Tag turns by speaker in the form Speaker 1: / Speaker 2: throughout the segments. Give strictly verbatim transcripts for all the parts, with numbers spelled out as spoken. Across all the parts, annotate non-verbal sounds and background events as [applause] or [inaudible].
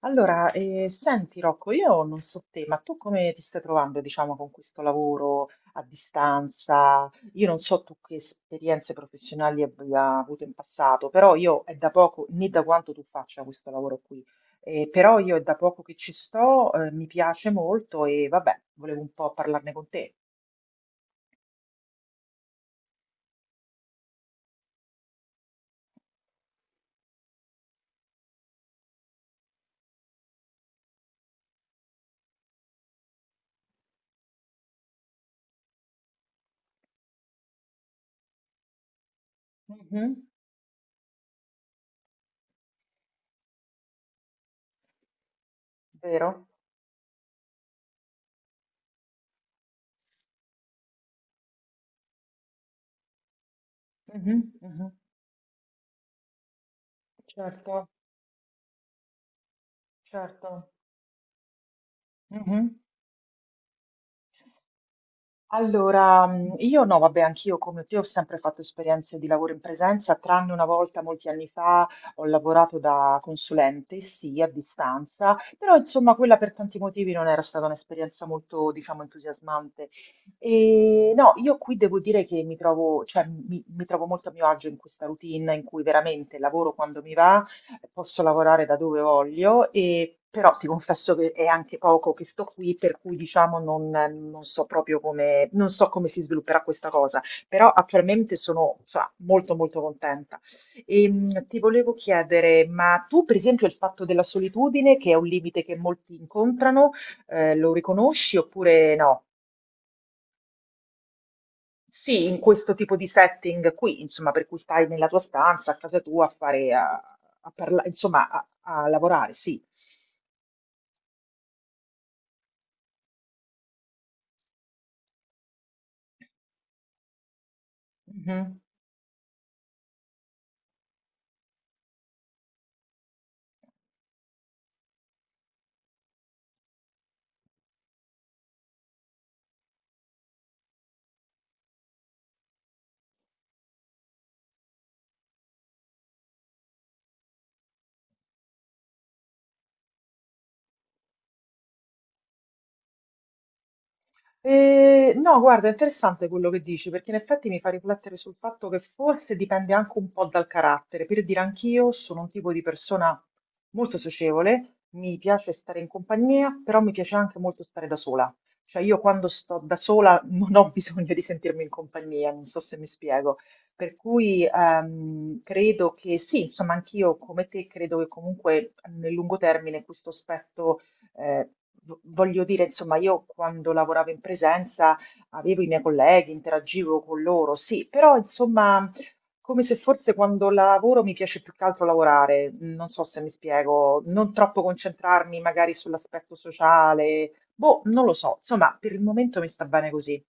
Speaker 1: Allora, eh, senti Rocco, io non so te, ma tu come ti stai trovando, diciamo, con questo lavoro a distanza? Io non so tu che esperienze professionali abbia avuto in passato, però io è da poco, né da quanto tu faccia questo lavoro qui, eh, però io è da poco che ci sto, eh, mi piace molto e vabbè, volevo un po' parlarne con te. Mhm, vero? Mhm, mhm. Certo, certo. Allora, mhmm, io no, vabbè, anch'io come te ho sempre fatto esperienze di lavoro in presenza, tranne una volta molti anni fa ho lavorato da consulente, sì, a distanza, però insomma quella per tanti motivi non era stata un'esperienza molto, diciamo, entusiasmante. Ehm, no, io qui devo dire che mi trovo cioè mi mi trovo molto a mio agio in questa routine in cui veramente lavoro quando mi va posso lavorare da dove voglio, e, però ti confesso che è anche poco che sto qui, per cui diciamo non, non so proprio come, non so come si svilupperà questa cosa, però attualmente sono, insomma, molto molto contenta. E, mh, ti volevo chiedere, ma tu per esempio il fatto della solitudine, che è un limite che molti incontrano, eh, lo riconosci oppure no? Sì, in questo tipo di setting qui, insomma, per cui stai nella tua stanza, a casa tua, a fare, a, a parla- insomma, a a lavorare, sì. Mhm. Eh, no, guarda, è interessante quello che dici, perché in effetti mi fa riflettere sul fatto che forse dipende anche un po' dal carattere. Per dire, anch'io sono un tipo di persona molto socievole, mi piace stare in compagnia, però mi piace anche molto stare da sola. Cioè, io quando sto da sola [laughs] non ho bisogno di sentirmi in compagnia, non so se mi spiego. Per cui ehm, credo che sì, insomma, anch'io come te credo che comunque nel lungo termine questo aspetto. Eh, vo- Voglio dire, insomma, io quando lavoravo in presenza avevo i miei colleghi, interagivo con loro, sì, però insomma, come se forse quando lavoro mi piace più che altro lavorare, non so se mi spiego, non troppo concentrarmi magari sull'aspetto sociale, boh, non lo so, insomma, per il momento mi sta bene così.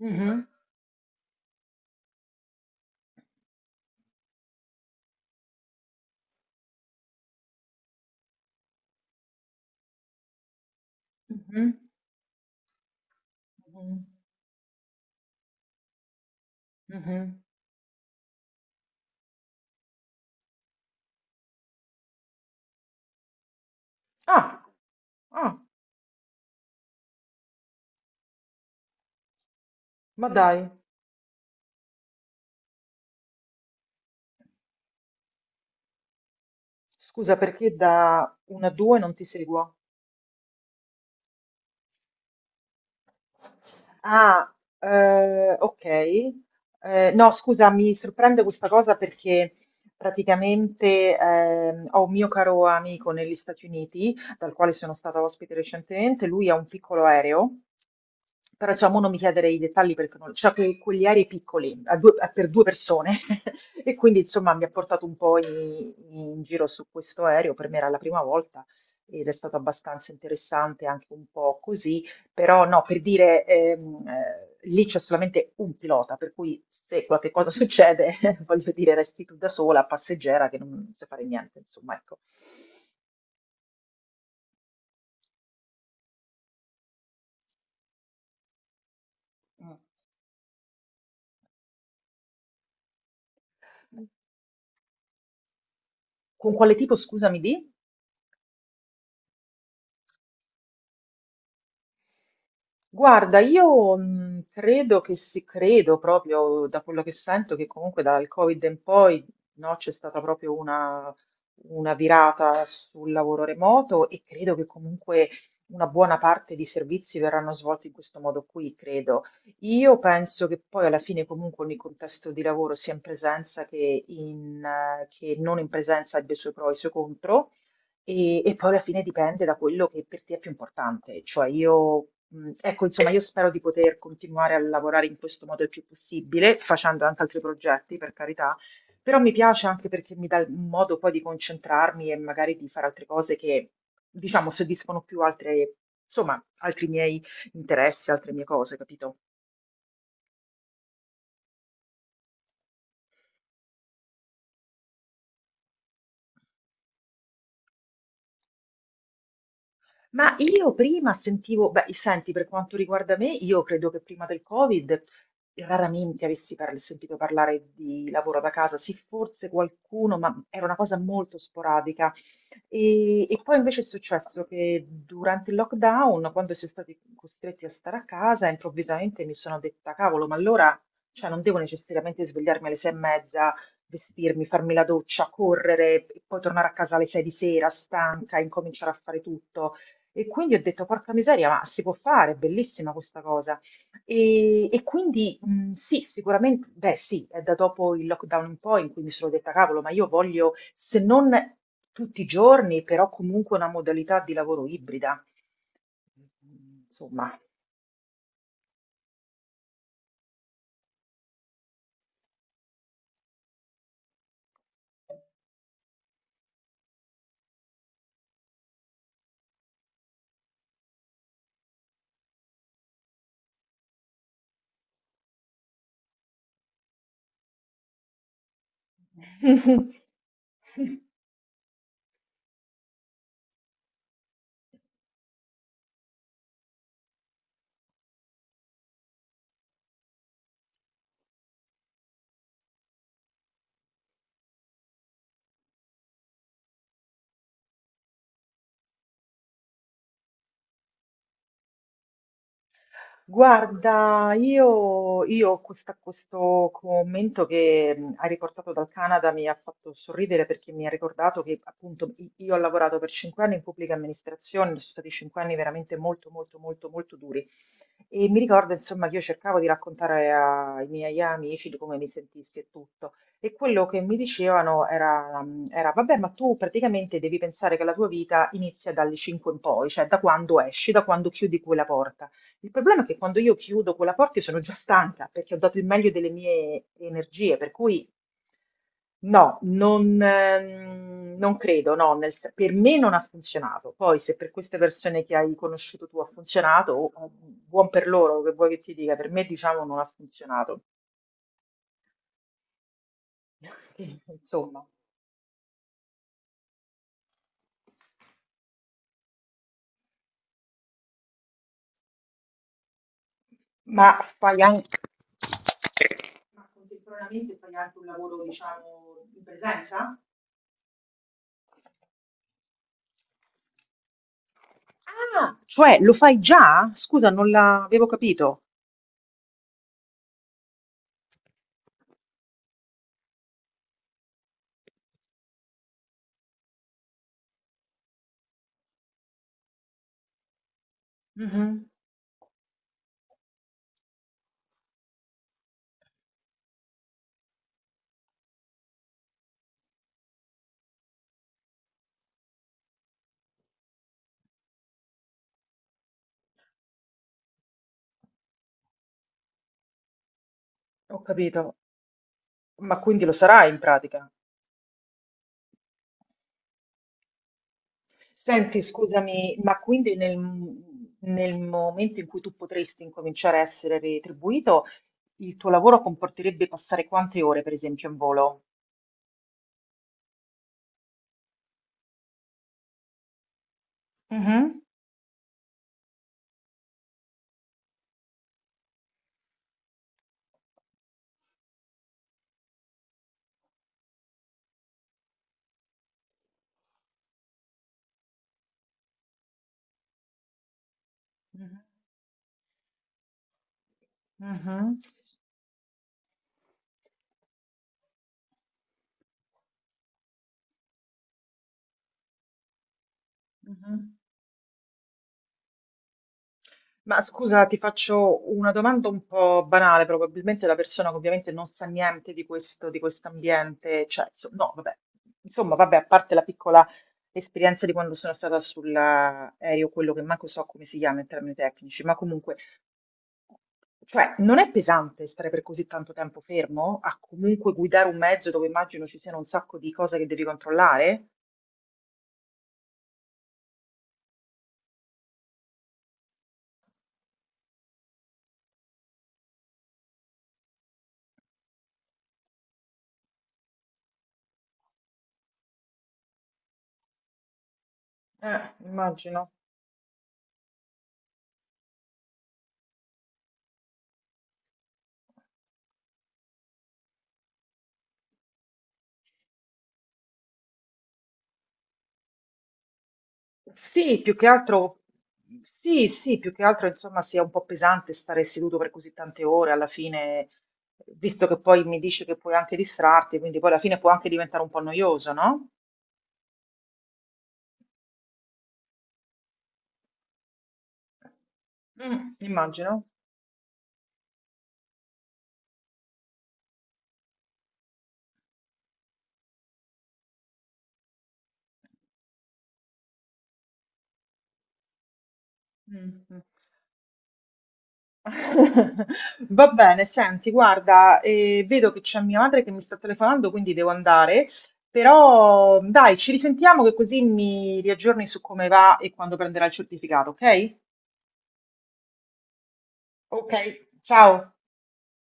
Speaker 1: Mhm, mhm, mhm, mhm. Ah, ah, ma dai, scusa, perché da una a due non ti seguo? Ah, eh, ok. Eh, no, scusa, mi sorprende questa cosa perché praticamente ehm, ho un mio caro amico negli Stati Uniti, dal quale sono stata ospite recentemente, lui ha un piccolo aereo, però diciamo non mi chiedere i dettagli perché non... Cioè, que- quegli aerei piccoli, a due- a- per due persone, [laughs] e quindi insomma mi ha portato un po' in, in giro su questo aereo, per me era la prima volta ed è stato abbastanza interessante anche un po' così. Però no, per dire, ehm, eh, lì c'è solamente un pilota, per cui se qualche cosa [laughs] succede, voglio dire, resti tu da sola, passeggera, che non, non sai fare niente, insomma, ecco. Mm. Con quale tipo, scusami, di? Guarda, io mh, credo che si credo proprio da quello che sento che comunque dal Covid in poi no, c'è stata proprio una, una virata sul lavoro remoto e credo che comunque una buona parte di servizi verranno svolti in questo modo qui, credo. Io penso che poi alla fine comunque ogni contesto di lavoro sia in presenza che, in, eh, che non in presenza abbia i suoi pro e i suoi contro. E, e poi alla fine dipende da quello che per te è più importante. Cioè io, mh, ecco, insomma, io spero di poter continuare a lavorare in questo modo il più possibile, facendo anche altri progetti, per carità, però mi piace anche perché mi dà un modo poi di concentrarmi e magari di fare altre cose che, diciamo, soddisfano più altre, insomma, altri miei interessi, altre mie cose, capito? Ma io prima sentivo beh, senti, per quanto riguarda me, io credo che prima del Covid raramente avessi parl sentito parlare di lavoro da casa. Sì, forse qualcuno, ma era una cosa molto sporadica. E, e poi invece è successo che durante il lockdown, quando si è stati costretti a stare a casa, improvvisamente mi sono detta, cavolo, ma allora, cioè, non devo necessariamente svegliarmi alle sei e mezza, vestirmi, farmi la doccia, correre e poi tornare a casa alle sei di sera, stanca, incominciare a fare tutto. E quindi ho detto, porca miseria, ma si può fare, è bellissima questa cosa. E, e quindi mh, sì, sicuramente, beh sì, è da dopo il lockdown in poi in cui mi sono detta, cavolo, ma io voglio, se non tutti i giorni, però comunque una modalità di lavoro ibrida. Insomma. [laughs] Guarda, io, io ho questa- questo commento che mh, hai riportato dal Canada mi ha fatto sorridere perché mi ha ricordato che appunto i- io ho lavorato per cinque anni in pubblica amministrazione, sono stati cinque anni veramente molto molto molto molto duri. E mi ricordo, insomma, che io cercavo di raccontare a- ai miei amici di come mi sentissi e tutto. E quello che mi dicevano era, mm, era, vabbè, ma tu praticamente devi pensare che la tua vita inizia dalle cinque in poi, cioè da quando esci, da quando chiudi quella porta. Il problema è che quando io chiudo quella porta io sono già stanca perché ho dato il meglio delle mie energie, per cui no, non, ehm, non credo, no, nel sen- per me non ha funzionato. Poi se per queste persone che hai conosciuto tu ha funzionato, o- o buon per loro, che vuoi che ti dica, per me diciamo non ha funzionato. [laughs] Quindi, Insomma, Ma fai anche... Ma contemporaneamente fai anche un lavoro, diciamo, in presenza? Ah, cioè lo fai già? Scusa, non l'avevo capito. Mhm. Ho capito, ma quindi lo sarai in pratica? Senti, scusami, ma quindi nel, nel momento in cui tu potresti incominciare a essere retribuito, il tuo lavoro comporterebbe passare quante ore, per esempio, in volo? Mhm. Mhm, mhm, mhm. Ma scusa, ti faccio una domanda un po' banale, probabilmente la persona che ovviamente non sa niente di questo, di quest'ambiente, cioè, so- no, vabbè, insomma, vabbè, a parte la piccola esperienza di quando sono stata sull'aereo, quello che manco so come si chiama in termini tecnici, ma comunque. Cioè, non è pesante stare per così tanto tempo fermo? A comunque guidare un mezzo dove immagino ci siano un sacco di cose che devi controllare? Eh, immagino. Sì, più che altro, sì, sì, più che altro insomma sia un po' pesante stare seduto per così tante ore alla fine, visto che poi mi dice che puoi anche distrarti, quindi poi alla fine può anche diventare un po' noioso, no? Mm, immagino. Mm, mm. [laughs] Va bene, senti, guarda, eh, vedo che c'è mia madre che mi sta telefonando, quindi devo andare, però dai, ci risentiamo che così mi riaggiorni su come va e quando prenderà il certificato, ok? Ok, Ciao.